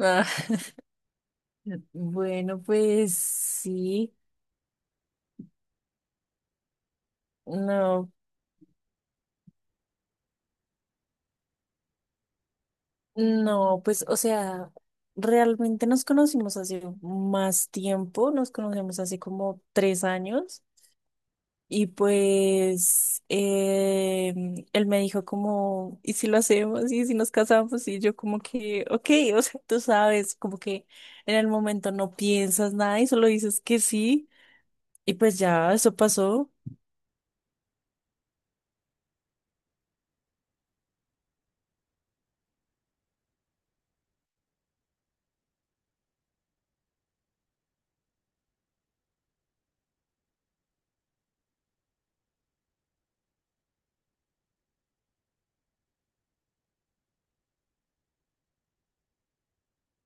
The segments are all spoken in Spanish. Ah, bueno, pues sí, no, no, pues o sea, realmente nos conocimos hace más tiempo, nos conocemos hace como 3 años y pues él me dijo como, ¿y si lo hacemos? ¿Y si nos casamos? Y yo como que, ok, o sea, tú sabes, como que en el momento no piensas nada y solo dices que sí y pues ya, eso pasó.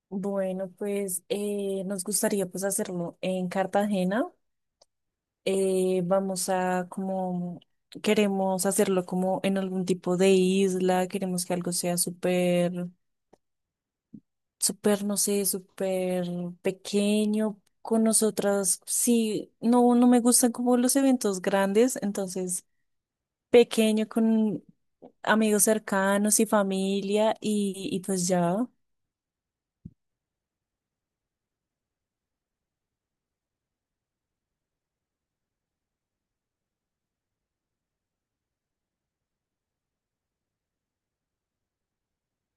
Bueno, pues nos gustaría pues hacerlo en Cartagena. Vamos a como, queremos hacerlo como en algún tipo de isla, queremos que algo sea súper, súper, no sé, súper pequeño con nosotras. Sí, no, no me gustan como los eventos grandes, entonces pequeño con amigos cercanos y familia y pues ya.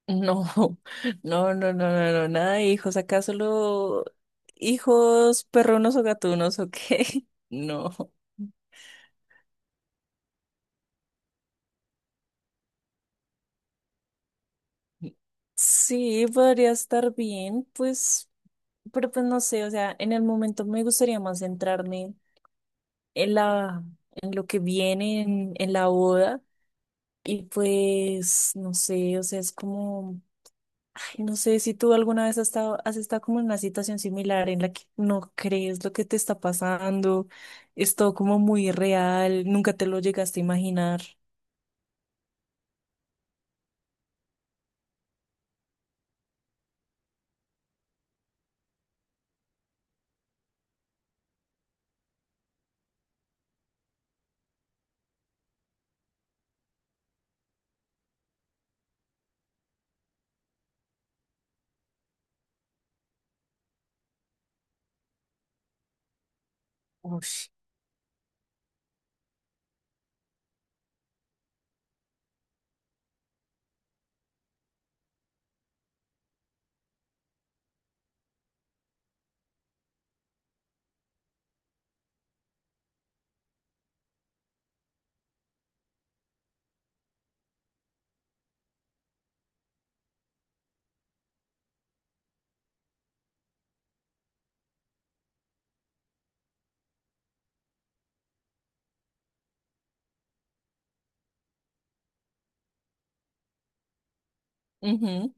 No, no, no, no, no, no, nada de hijos, acá solo hijos perrunos o gatunos, ¿o qué? No. Sí, podría estar bien, pues, pero pues no sé, o sea, en el momento me gustaría más centrarme en la, en lo que viene en la boda. Y pues, no sé, o sea, es como, ay, no sé si tú alguna vez has estado como en una situación similar en la que no crees lo que te está pasando, es todo como muy real, nunca te lo llegaste a imaginar. Ush. Ujú.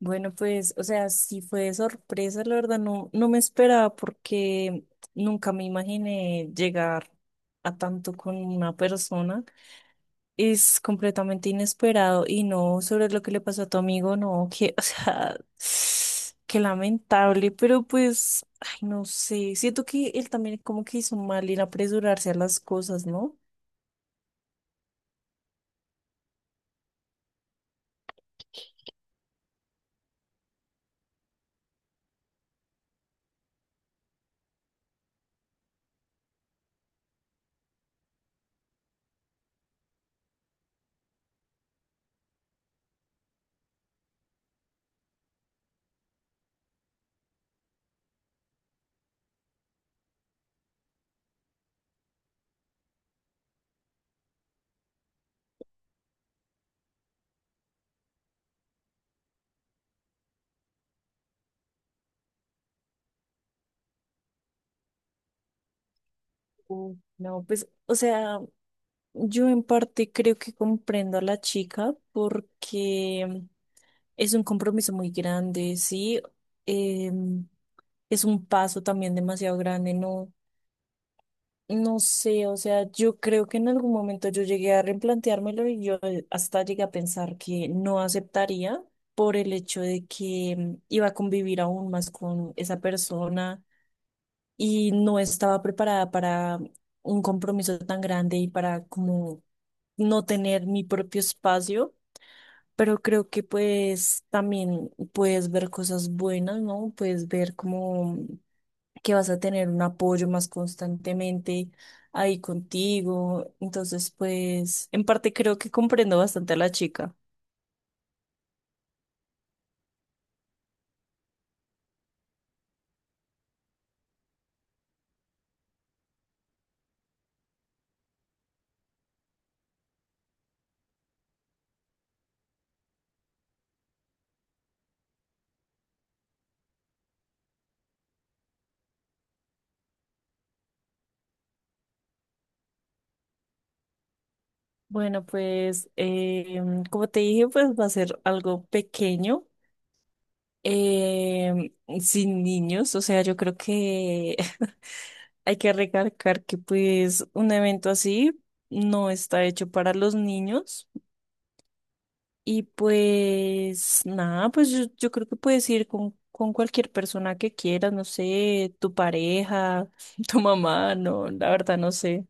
Bueno, pues, o sea, sí fue de sorpresa, la verdad, no, no me esperaba porque nunca me imaginé llegar a tanto con una persona. Es completamente inesperado y no sobre lo que le pasó a tu amigo, no, que, o sea, qué lamentable, pero pues, ay, no sé, siento que él también como que hizo mal en apresurarse a las cosas, ¿no? Mm. No, pues, o sea, yo en parte creo que comprendo a la chica porque es un compromiso muy grande, sí. Em, es un paso también demasiado grande, ¿no? No sé, o sea, yo creo que en algún momento yo llegué a replanteármelo y yo hasta llegué a pensar que no aceptaría por el hecho de que iba a convivir aún más con esa persona y no estaba preparada para un compromiso tan grande y para como no tener mi propio espacio, pero creo que pues también puedes ver cosas buenas, ¿no? Puedes ver como que vas a tener un apoyo más constantemente ahí contigo. Entonces, pues, en parte creo que comprendo bastante a la chica. Bueno, pues como te dije, pues va a ser algo pequeño, em, sin niños, o sea, yo creo que hay que recalcar que pues un evento así no está hecho para los niños y pues nada, pues yo creo que puedes ir con cualquier persona que quieras, no sé, tu pareja, tu mamá, no, la verdad no sé.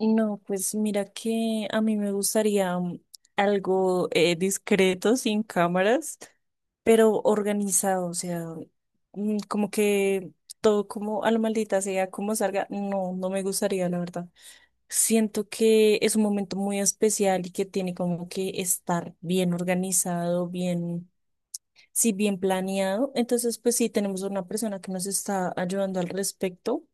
No, pues mira que a mí me gustaría algo discreto, sin cámaras, pero organizado, o sea, como que todo como a la maldita sea, como salga, no, no me gustaría, la verdad. Siento que es un momento muy especial y que tiene como que estar bien organizado, bien, sí, bien planeado. Entonces, pues sí, tenemos una persona que nos está ayudando al respecto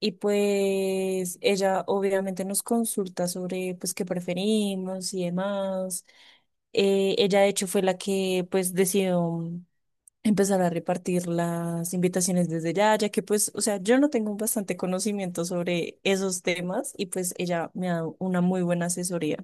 y pues ella obviamente nos consulta sobre pues qué preferimos y demás. Ella de hecho fue la que pues decidió empezar a repartir las invitaciones desde ya, ya que pues, o sea, yo no tengo bastante conocimiento sobre esos temas y pues ella me ha dado una muy buena asesoría.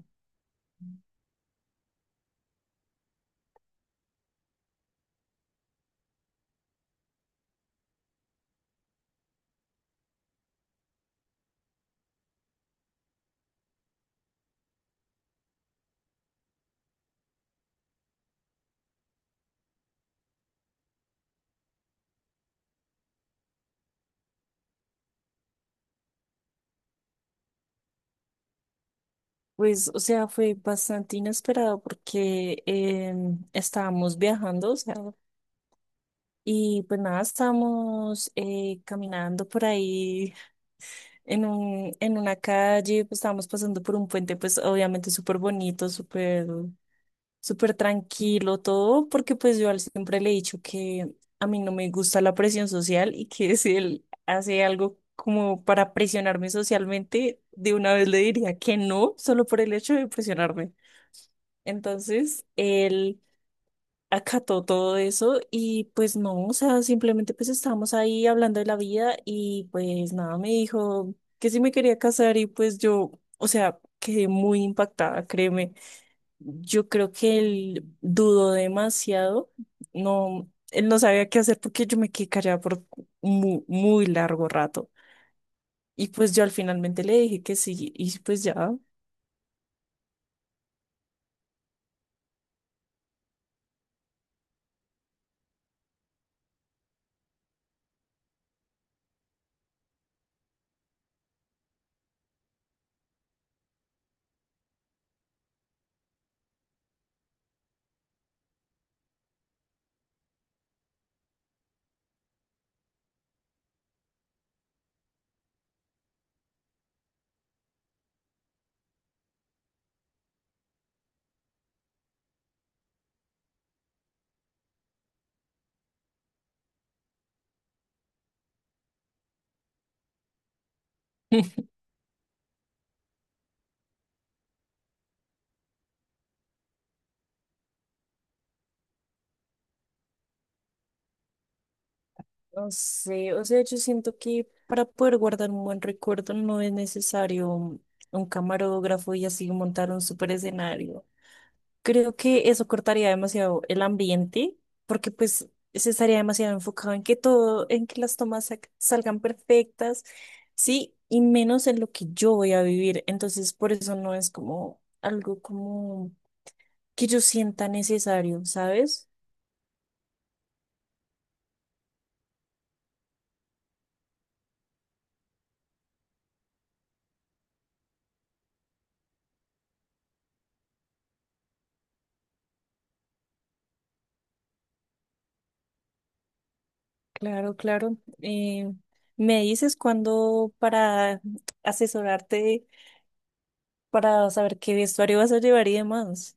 Pues, o sea, fue bastante inesperado porque estábamos viajando, o sea, y pues nada, estábamos caminando por ahí en una calle, pues estábamos pasando por un puente, pues obviamente súper bonito, súper, súper tranquilo todo, porque pues siempre le he dicho que a mí no me gusta la presión social y que si él hace algo como para presionarme socialmente, de una vez le diría que no, solo por el hecho de presionarme. Entonces, él acató todo eso y pues no, o sea, simplemente pues estábamos ahí hablando de la vida y pues nada, me dijo que si me quería casar y pues yo, o sea, quedé muy impactada, créeme. Yo creo que él dudó demasiado, no, él no sabía qué hacer porque yo me quedé callada por muy, muy largo rato. Y pues yo al finalmente le dije que sí y pues ya. No sé, o sea, yo siento que para poder guardar un buen recuerdo no es necesario un camarógrafo y así montar un super escenario. Creo que eso cortaría demasiado el ambiente, porque pues se estaría demasiado enfocado en que todo, en que las salgan perfectas, sí, y menos en lo que yo voy a vivir. Entonces, por eso no es como algo como que yo sienta necesario, ¿sabes? Claro, claro. Me dices cuándo para asesorarte, para saber qué vestuario vas a llevar y demás.